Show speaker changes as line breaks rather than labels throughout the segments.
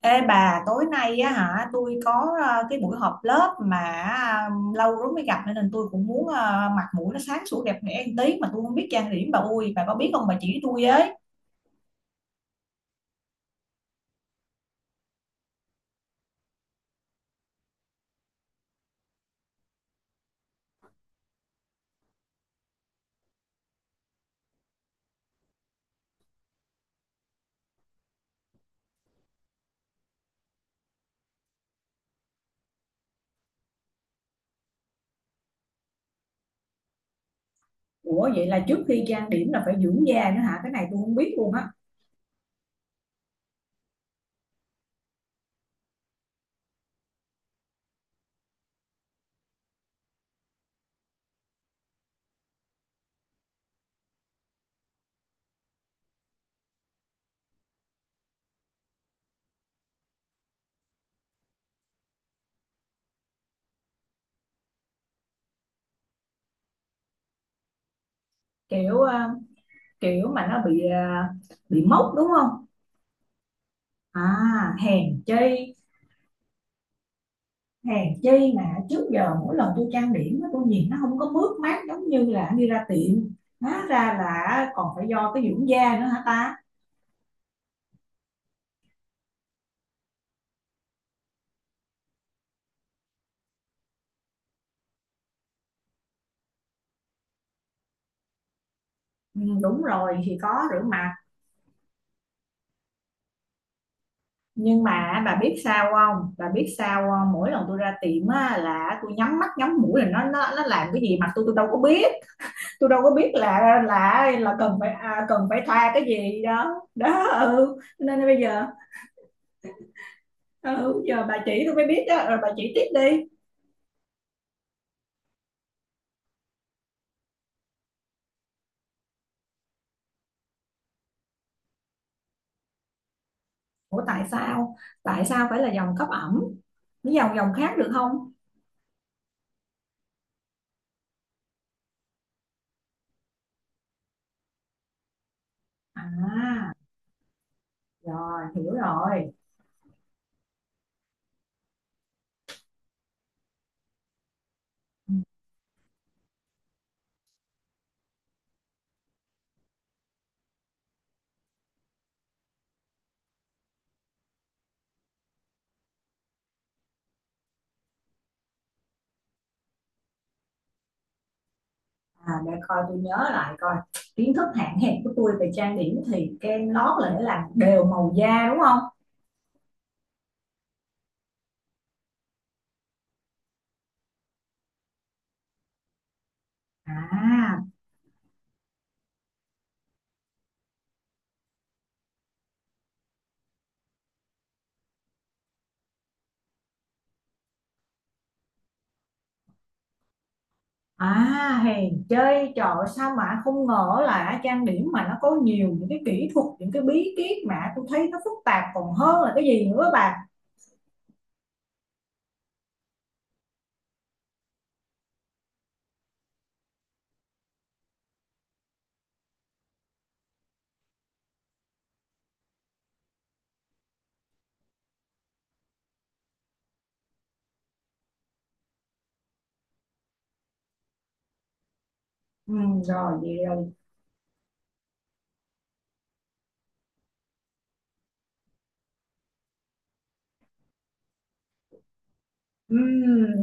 Ê bà, tối nay á hả, tôi có cái buổi họp lớp mà lâu lắm mới gặp nên tôi cũng muốn mặt mũi nó sáng sủa đẹp đẽ một tí mà tôi không biết trang điểm. Bà ui, bà có biết không, bà chỉ tôi với. Ủa, vậy là trước khi trang điểm là phải dưỡng da nữa hả? Cái này tôi không biết luôn á. Kiểu kiểu mà nó bị bị mốc đúng không? À, hèn chi, hèn chi mà trước giờ mỗi lần tôi trang điểm á, tôi nhìn nó không có mướt mát giống như là đi ra tiệm. Hóa ra là còn phải do cái dưỡng da nữa hả ta? Ừ, đúng rồi, thì có rửa mặt. Nhưng mà bà biết sao không, bà biết sao không, mỗi lần tôi ra tiệm á, là tôi nhắm mắt nhắm mũi, là nó nó làm cái gì mà tôi đâu có biết. Tôi đâu có biết là là cần phải à, cần phải thoa cái gì đó đó. Ừ, nên bây giờ ừ, giờ bà chỉ tôi mới biết đó, rồi bà chỉ tiếp đi. Ủa, tại sao phải là dòng cấp ẩm, cái dòng dòng khác được không? À, rồi hiểu rồi. Ừ. À, để coi tôi nhớ lại coi, kiến thức hạn hẹp của tôi về trang điểm thì kem lót là để làm đều màu da đúng không? À, à, hèn chơi trò sao mà không ngờ là trang điểm mà nó có nhiều những cái kỹ thuật, những cái bí kíp mà tôi thấy nó phức tạp còn hơn là cái gì nữa bà. Ừ, rồi vậy rồi. Ừ,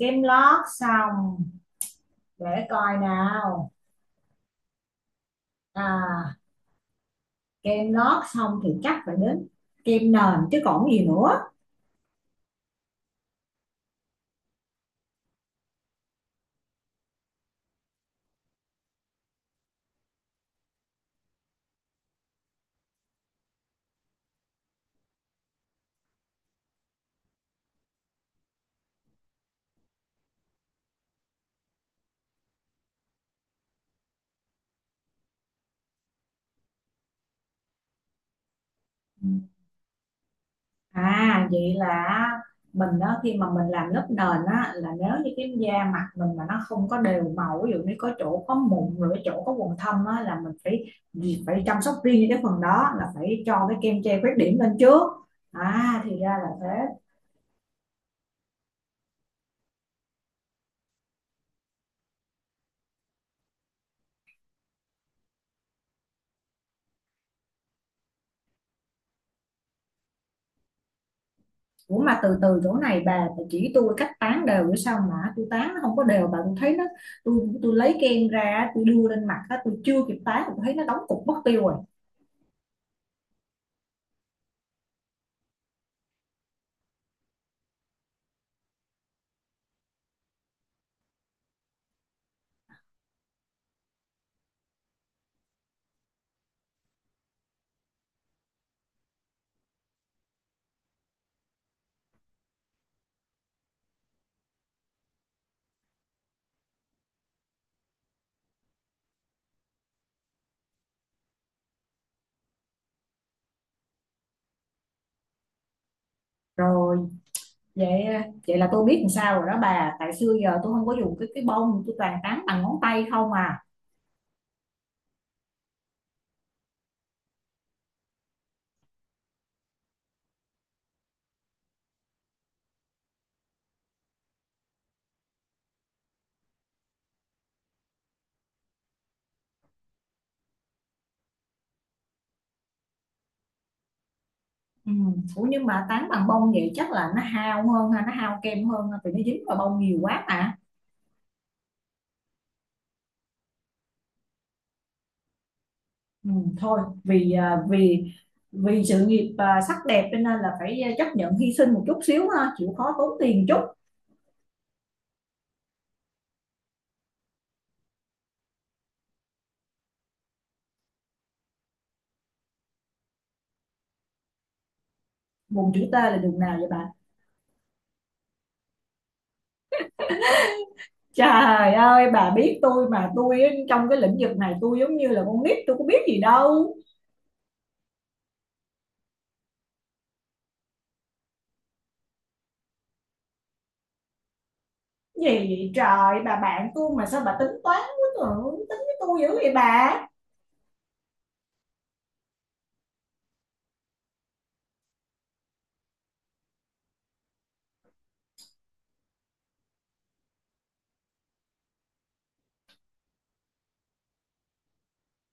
kem lót xong, để coi nào. À, kem lót xong thì chắc phải đến kem nền chứ còn gì nữa. Ừ. À, vậy là mình đó, khi mà mình làm lớp nền á, là nếu như cái da mặt mình mà nó không có đều màu, ví dụ như có chỗ có mụn, rồi cái chỗ có quầng thâm á, là mình phải phải chăm sóc riêng cho cái phần đó, là phải cho cái kem che khuyết điểm lên trước. À, thì ra là thế. Ủa mà từ từ, chỗ này bà chỉ tôi cách tán đều nữa, sao mà tôi tán nó không có đều bà, tôi thấy nó, tôi lấy kem ra tôi đưa lên mặt á, tôi chưa kịp tán tôi thấy nó đóng cục mất tiêu rồi. Rồi, vậy ờ, vậy là tôi biết làm sao rồi đó bà, tại xưa giờ tôi không có dùng cái bông, tôi toàn tán bằng ngón tay không à. Ừ. Ủa nhưng mà tán bằng bông vậy chắc là nó hao hơn ha, nó hao kem hơn ha, vì nó dính vào bông nhiều quá mà. Ừ. Thôi vì à, vì vì sự nghiệp à, sắc đẹp cho nên là phải à, chấp nhận hy sinh một chút xíu ha, chịu khó tốn tiền chút. Vùng chữ T là đường nào vậy bà? Trời ơi, bà biết tôi mà, tôi trong cái lĩnh vực này tôi giống như là con nít, tôi có biết gì đâu. Gì trời, bà bạn tôi mà sao bà tính toán quá trời, tính với tôi dữ vậy bà.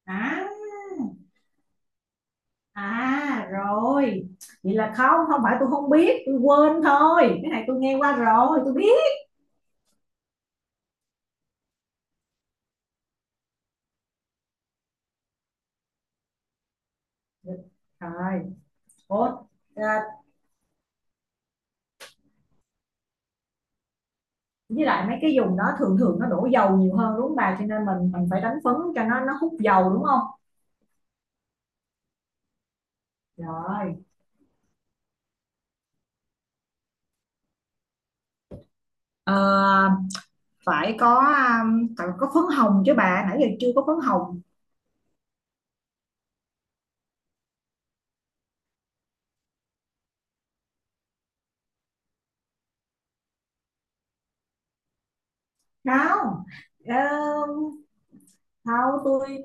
À, à rồi, vậy là không, không phải tôi không biết, tôi quên thôi, cái này tôi nghe qua rồi tôi biết. Rồi. Ủa, à, với lại mấy cái vùng đó thường thường nó đổ dầu nhiều hơn đúng không bà, cho nên mình phải đánh phấn cho nó hút dầu đúng không? Rồi. Ờ, phải có à, phải có phấn hồng chứ bà, nãy giờ chưa có phấn hồng. Không. Ờ, không, tôi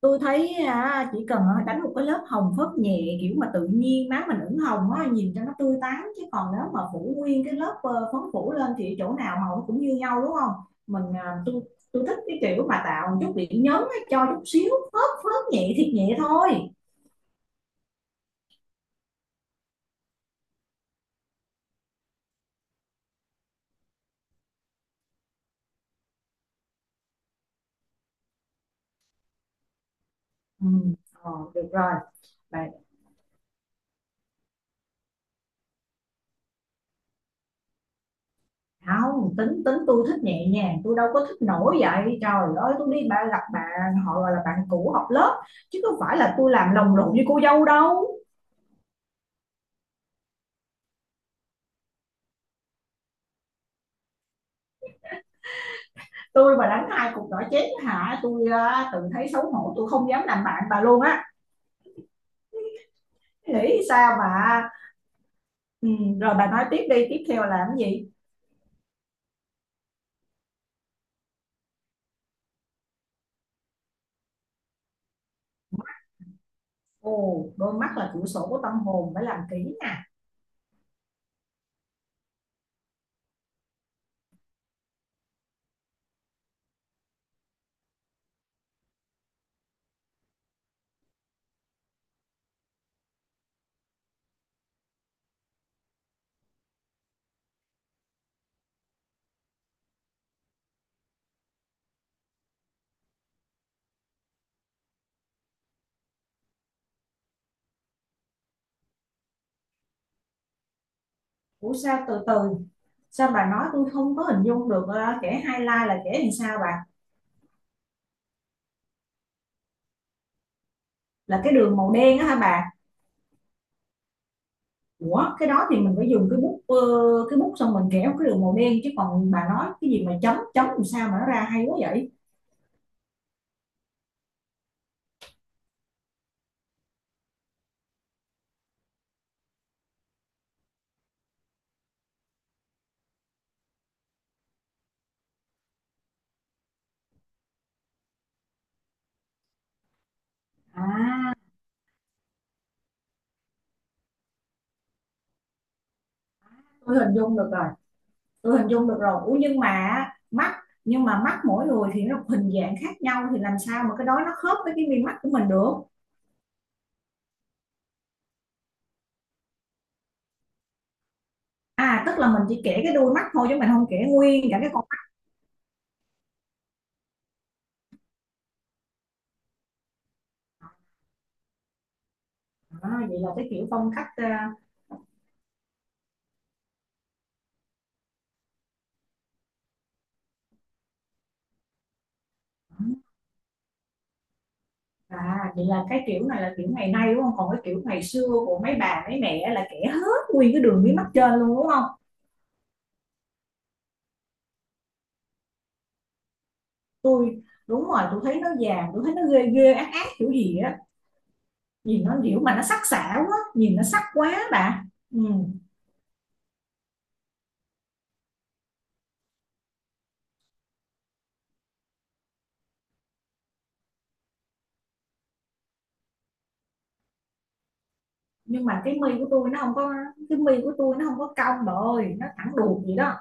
tôi thấy à, chỉ cần à, đánh một cái lớp hồng phớt nhẹ, kiểu mà tự nhiên má mình ửng hồng á, nhìn cho nó tươi tắn, chứ còn nếu mà phủ nguyên cái lớp ờ, phấn phủ lên thì chỗ nào hồng cũng như nhau đúng không? Mình à, tôi thích cái kiểu mà tạo một chút điểm nhấn á, cho chút xíu phớt phớt nhẹ thiệt nhẹ thôi. Ừ, ờ, được rồi. Bà- không, tính tính tôi thích nhẹ nhàng, tôi đâu có thích nổi vậy. Trời ơi, tôi đi ba gặp bạn, họ gọi là bạn cũ học lớp chứ không phải là tôi làm lồng lộn với cô dâu đâu. Tôi mà đánh hai cục nỏ chén hả, tôi ờ, tự thấy xấu hổ, tôi không dám làm bạn bà luôn á. Nghĩ sao mà. Ừ, rồi bà nói tiếp đi, tiếp theo là làm gì? Ồ, đôi mắt là cửa sổ của tâm hồn, phải làm kỹ nè. Ủa, sao, từ từ, sao bà nói tôi không có hình dung được, kẻ highlight là kẻ làm sao bà? Là cái đường màu đen á hả bà? Ủa cái đó thì mình phải dùng cái bút cái bút, xong mình kéo cái đường màu đen, chứ còn bà nói cái gì mà chấm chấm làm sao mà nó ra hay quá vậy? À, tôi hình dung được rồi, tôi hình dung được rồi. Ủa nhưng mà mắt, nhưng mà mắt mỗi người thì nó hình dạng khác nhau thì làm sao mà cái đó nó khớp với cái mi mắt của mình được? À, tức là mình chỉ kể cái đuôi mắt thôi chứ mình không kể nguyên cả cái con mắt. À, vậy là cái kiểu phong cách ờ, à vậy là cái kiểu này là kiểu ngày nay đúng không, còn cái kiểu ngày xưa của mấy bà mấy mẹ là kể hết nguyên cái đường mí mắt trên luôn đúng không? Tôi đúng rồi, tôi thấy nó vàng, tôi thấy nó ghê ghê ác ác kiểu gì á. Nhìn nó kiểu mà nó sắc sảo quá, nhìn nó sắc quá bà. Ừ. Nhưng mà cái mi của tôi nó không có, cái mi của tôi nó không có cong bà ơi, nó thẳng đuột vậy đó.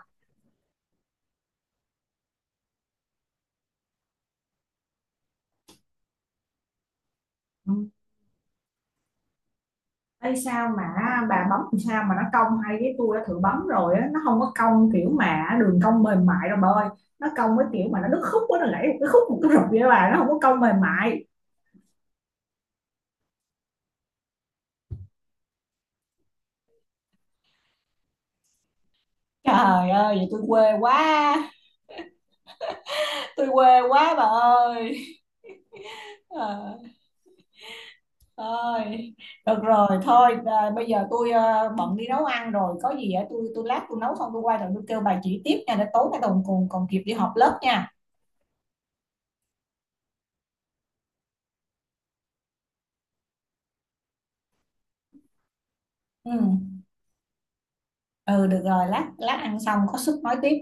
Ừ. Ê, sao mà bà bấm làm sao mà nó cong hay, cái tôi đã thử bấm rồi á, nó không có cong kiểu mà đường cong mềm mại đâu bà ơi. Nó cong với kiểu mà nó đứt khúc quá, nó gãy một cái khúc một cái rụp vậy bà, nó không có cong mềm mại. Trời ơi, vậy tôi quê quá. Tôi quê quá bà ơi. Ờ. Thôi, được rồi, thôi à, bây giờ tôi à, bận đi nấu ăn rồi, có gì á tôi lát tôi nấu xong tôi quay rồi tôi kêu bà chỉ tiếp nha, để tối nay còn còn còn kịp đi họp lớp nha. Ừ, ừ được rồi, lát lát ăn xong có sức nói tiếp.